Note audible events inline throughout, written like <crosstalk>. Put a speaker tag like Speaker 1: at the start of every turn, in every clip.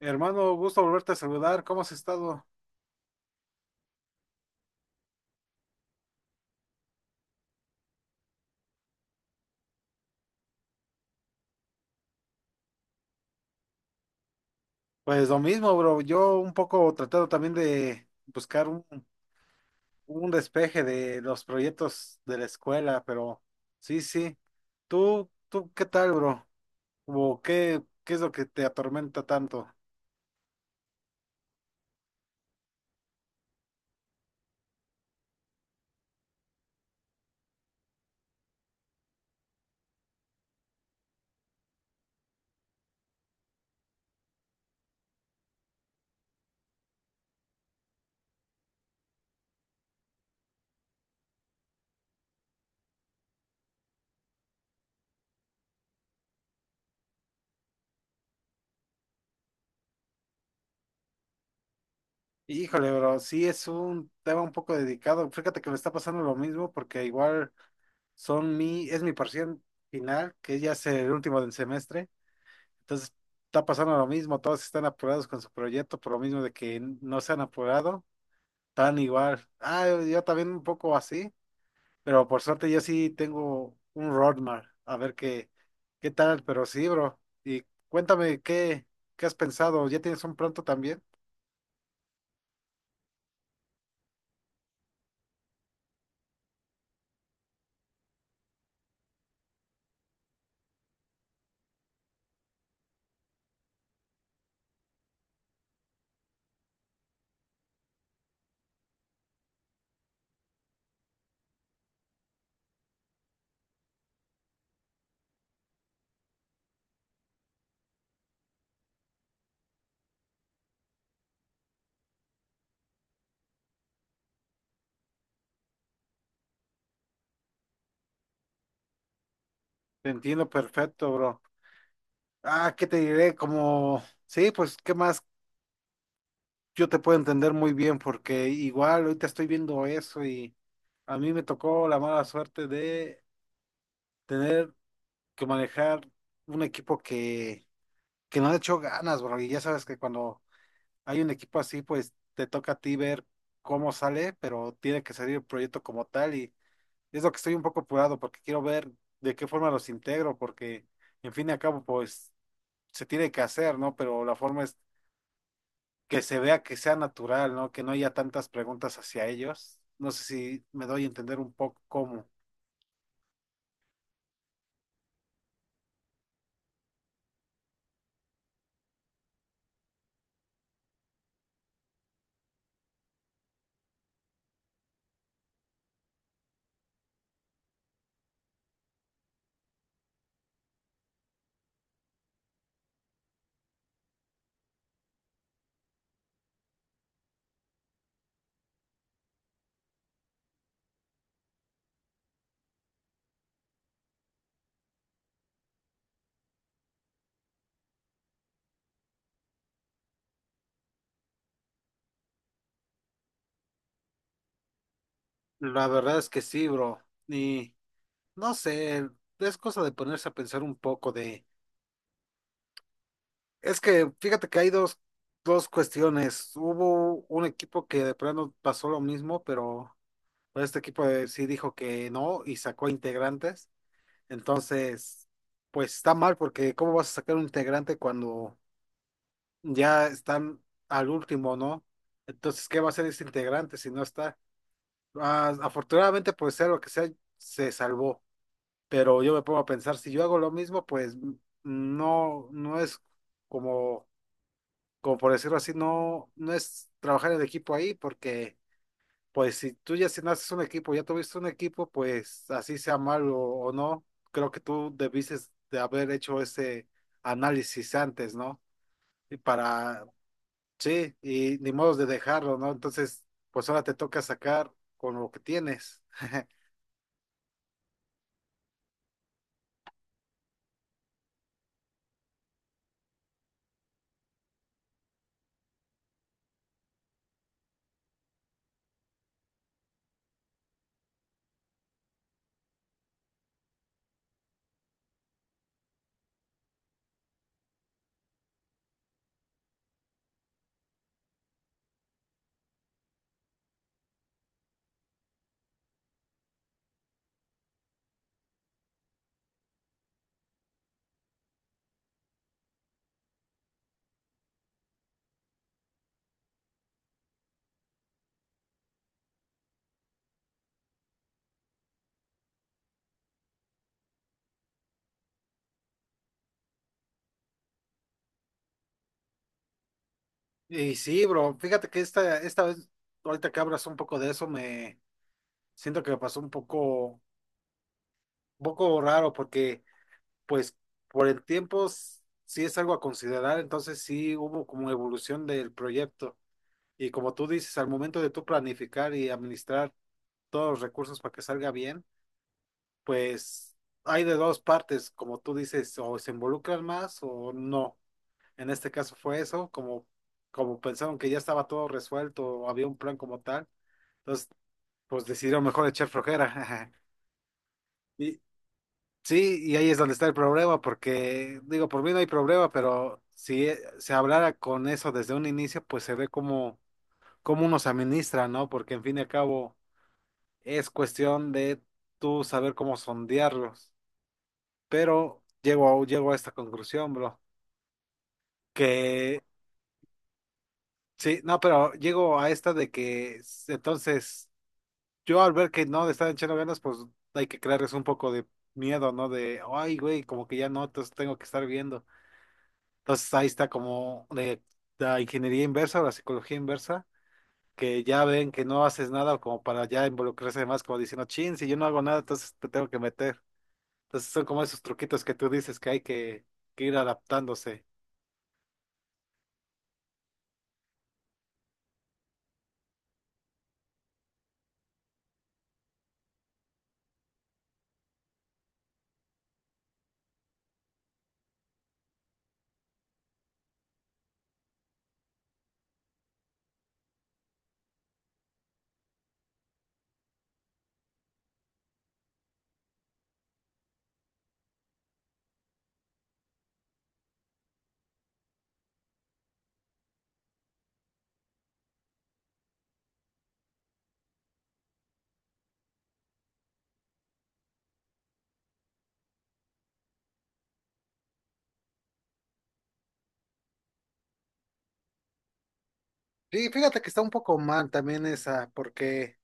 Speaker 1: Hermano, gusto volverte a saludar. ¿Cómo has estado? Pues lo mismo, bro. Yo un poco tratando también de buscar un despeje de los proyectos de la escuela, pero sí, sí. ¿Tú qué tal, bro? ¿O qué es lo que te atormenta tanto? Híjole, bro, sí es un tema un poco dedicado. Fíjate que me está pasando lo mismo porque igual son mi, es mi parcial final, que ya es el último del semestre. Entonces, está pasando lo mismo, todos están apurados con su proyecto, por lo mismo de que no se han apurado, tan igual. Ah, yo también un poco así, pero por suerte yo sí tengo un roadmap, a ver qué, qué tal, pero sí, bro. Y cuéntame, ¿qué, qué has pensado? ¿Ya tienes un pronto también? Te entiendo perfecto, bro. Ah, ¿qué te diré? Como, sí, pues, ¿qué más? Yo te puedo entender muy bien porque igual ahorita estoy viendo eso y a mí me tocó la mala suerte de tener que manejar un equipo que no le echó ganas, bro. Y ya sabes que cuando hay un equipo así, pues te toca a ti ver cómo sale, pero tiene que salir el proyecto como tal. Y es lo que estoy un poco apurado porque quiero ver de qué forma los integro, porque en fin y al cabo, pues se tiene que hacer, ¿no? Pero la forma es que se vea que sea natural, ¿no? Que no haya tantas preguntas hacia ellos. No sé si me doy a entender un poco cómo. La verdad es que sí, bro. Y. No sé, es cosa de ponerse a pensar un poco de... Es que fíjate que hay dos cuestiones. Hubo un equipo que de plano pasó lo mismo, pero pues, este equipo sí dijo que no y sacó integrantes. Entonces, pues está mal porque ¿cómo vas a sacar un integrante cuando ya están al último, no? Entonces, ¿qué va a hacer ese integrante si no está? Ah, afortunadamente, por ser lo que sea, se salvó. Pero yo me pongo a pensar, si yo hago lo mismo, pues no, no es como, como por decirlo así, no, no es trabajar en equipo ahí, porque pues si tú ya si naces un equipo, ya tuviste un equipo, pues así sea malo o no, creo que tú debiste de haber hecho ese análisis antes, ¿no? Y para, sí, y ni modos de dejarlo, ¿no? Entonces, pues ahora te toca sacar con lo que tienes. Y sí, bro, fíjate que esta vez, ahorita que hablas un poco de eso, me, siento que me pasó un poco raro porque, pues, por el tiempo sí es algo a considerar, entonces sí hubo como evolución del proyecto. Y como tú dices, al momento de tú planificar y administrar todos los recursos para que salga bien, pues hay de dos partes, como tú dices, o se involucran más o no. En este caso fue eso, como, como pensaron que ya estaba todo resuelto o había un plan como tal, entonces pues decidieron mejor echar flojera. <laughs> Y, sí, y ahí es donde está el problema, porque digo, por mí no hay problema, pero si se hablara con eso desde un inicio, pues se ve cómo, cómo uno se administra, ¿no? Porque en fin y al cabo es cuestión de tú saber cómo sondearlos. Pero llego a esta conclusión, bro, que sí, no, pero llego a esta de que entonces yo al ver que no le están echando ganas, pues hay que crearles un poco de miedo, ¿no? De, ay, güey, como que ya no, entonces tengo que estar viendo. Entonces ahí está como de la ingeniería inversa o la psicología inversa, que ya ven que no haces nada como para ya involucrarse más, como diciendo, chin, si yo no hago nada, entonces te tengo que meter. Entonces son como esos truquitos que tú dices que hay que ir adaptándose. Sí, fíjate que está un poco mal también esa, porque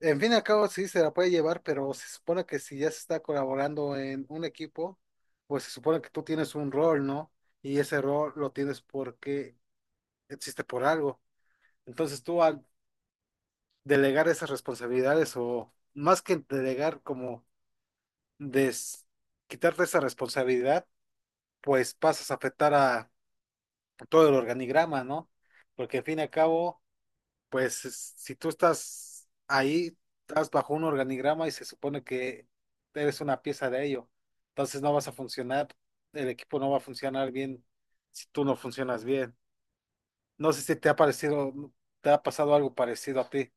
Speaker 1: en fin y al cabo sí se la puede llevar, pero se supone que si ya se está colaborando en un equipo, pues se supone que tú tienes un rol, ¿no? Y ese rol lo tienes porque existe por algo. Entonces tú al delegar esas responsabilidades o más que delegar como des, quitarte esa responsabilidad, pues pasas a afectar a todo el organigrama, ¿no? Porque al fin y al cabo, pues si tú estás ahí, estás bajo un organigrama y se supone que eres una pieza de ello, entonces no vas a funcionar, el equipo no va a funcionar bien si tú no funcionas bien. No sé si te ha parecido, te ha pasado algo parecido a ti.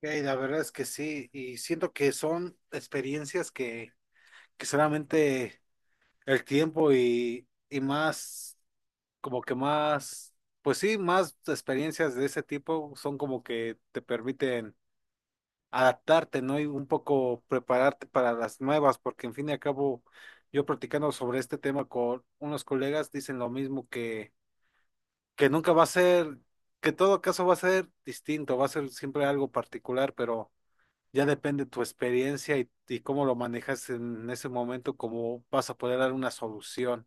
Speaker 1: Ey, la verdad es que sí, y siento que son experiencias que solamente el tiempo y más, como que más, pues sí, más experiencias de ese tipo son como que te permiten adaptarte, ¿no? Y un poco prepararte para las nuevas, porque en fin y al cabo, yo platicando sobre este tema con unos colegas, dicen lo mismo que nunca va a ser, que todo caso va a ser distinto, va a ser siempre algo particular, pero ya depende tu experiencia y cómo lo manejas en ese momento, cómo vas a poder dar una solución.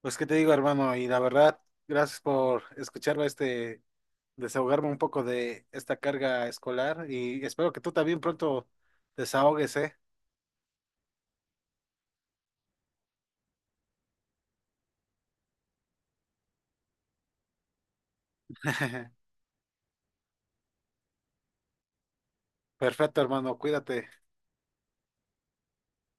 Speaker 1: Pues qué te digo, hermano, y la verdad, gracias por escucharme este, desahogarme un poco de esta carga escolar y espero que tú también pronto desahogues, ¿eh? <laughs> Perfecto, hermano, cuídate.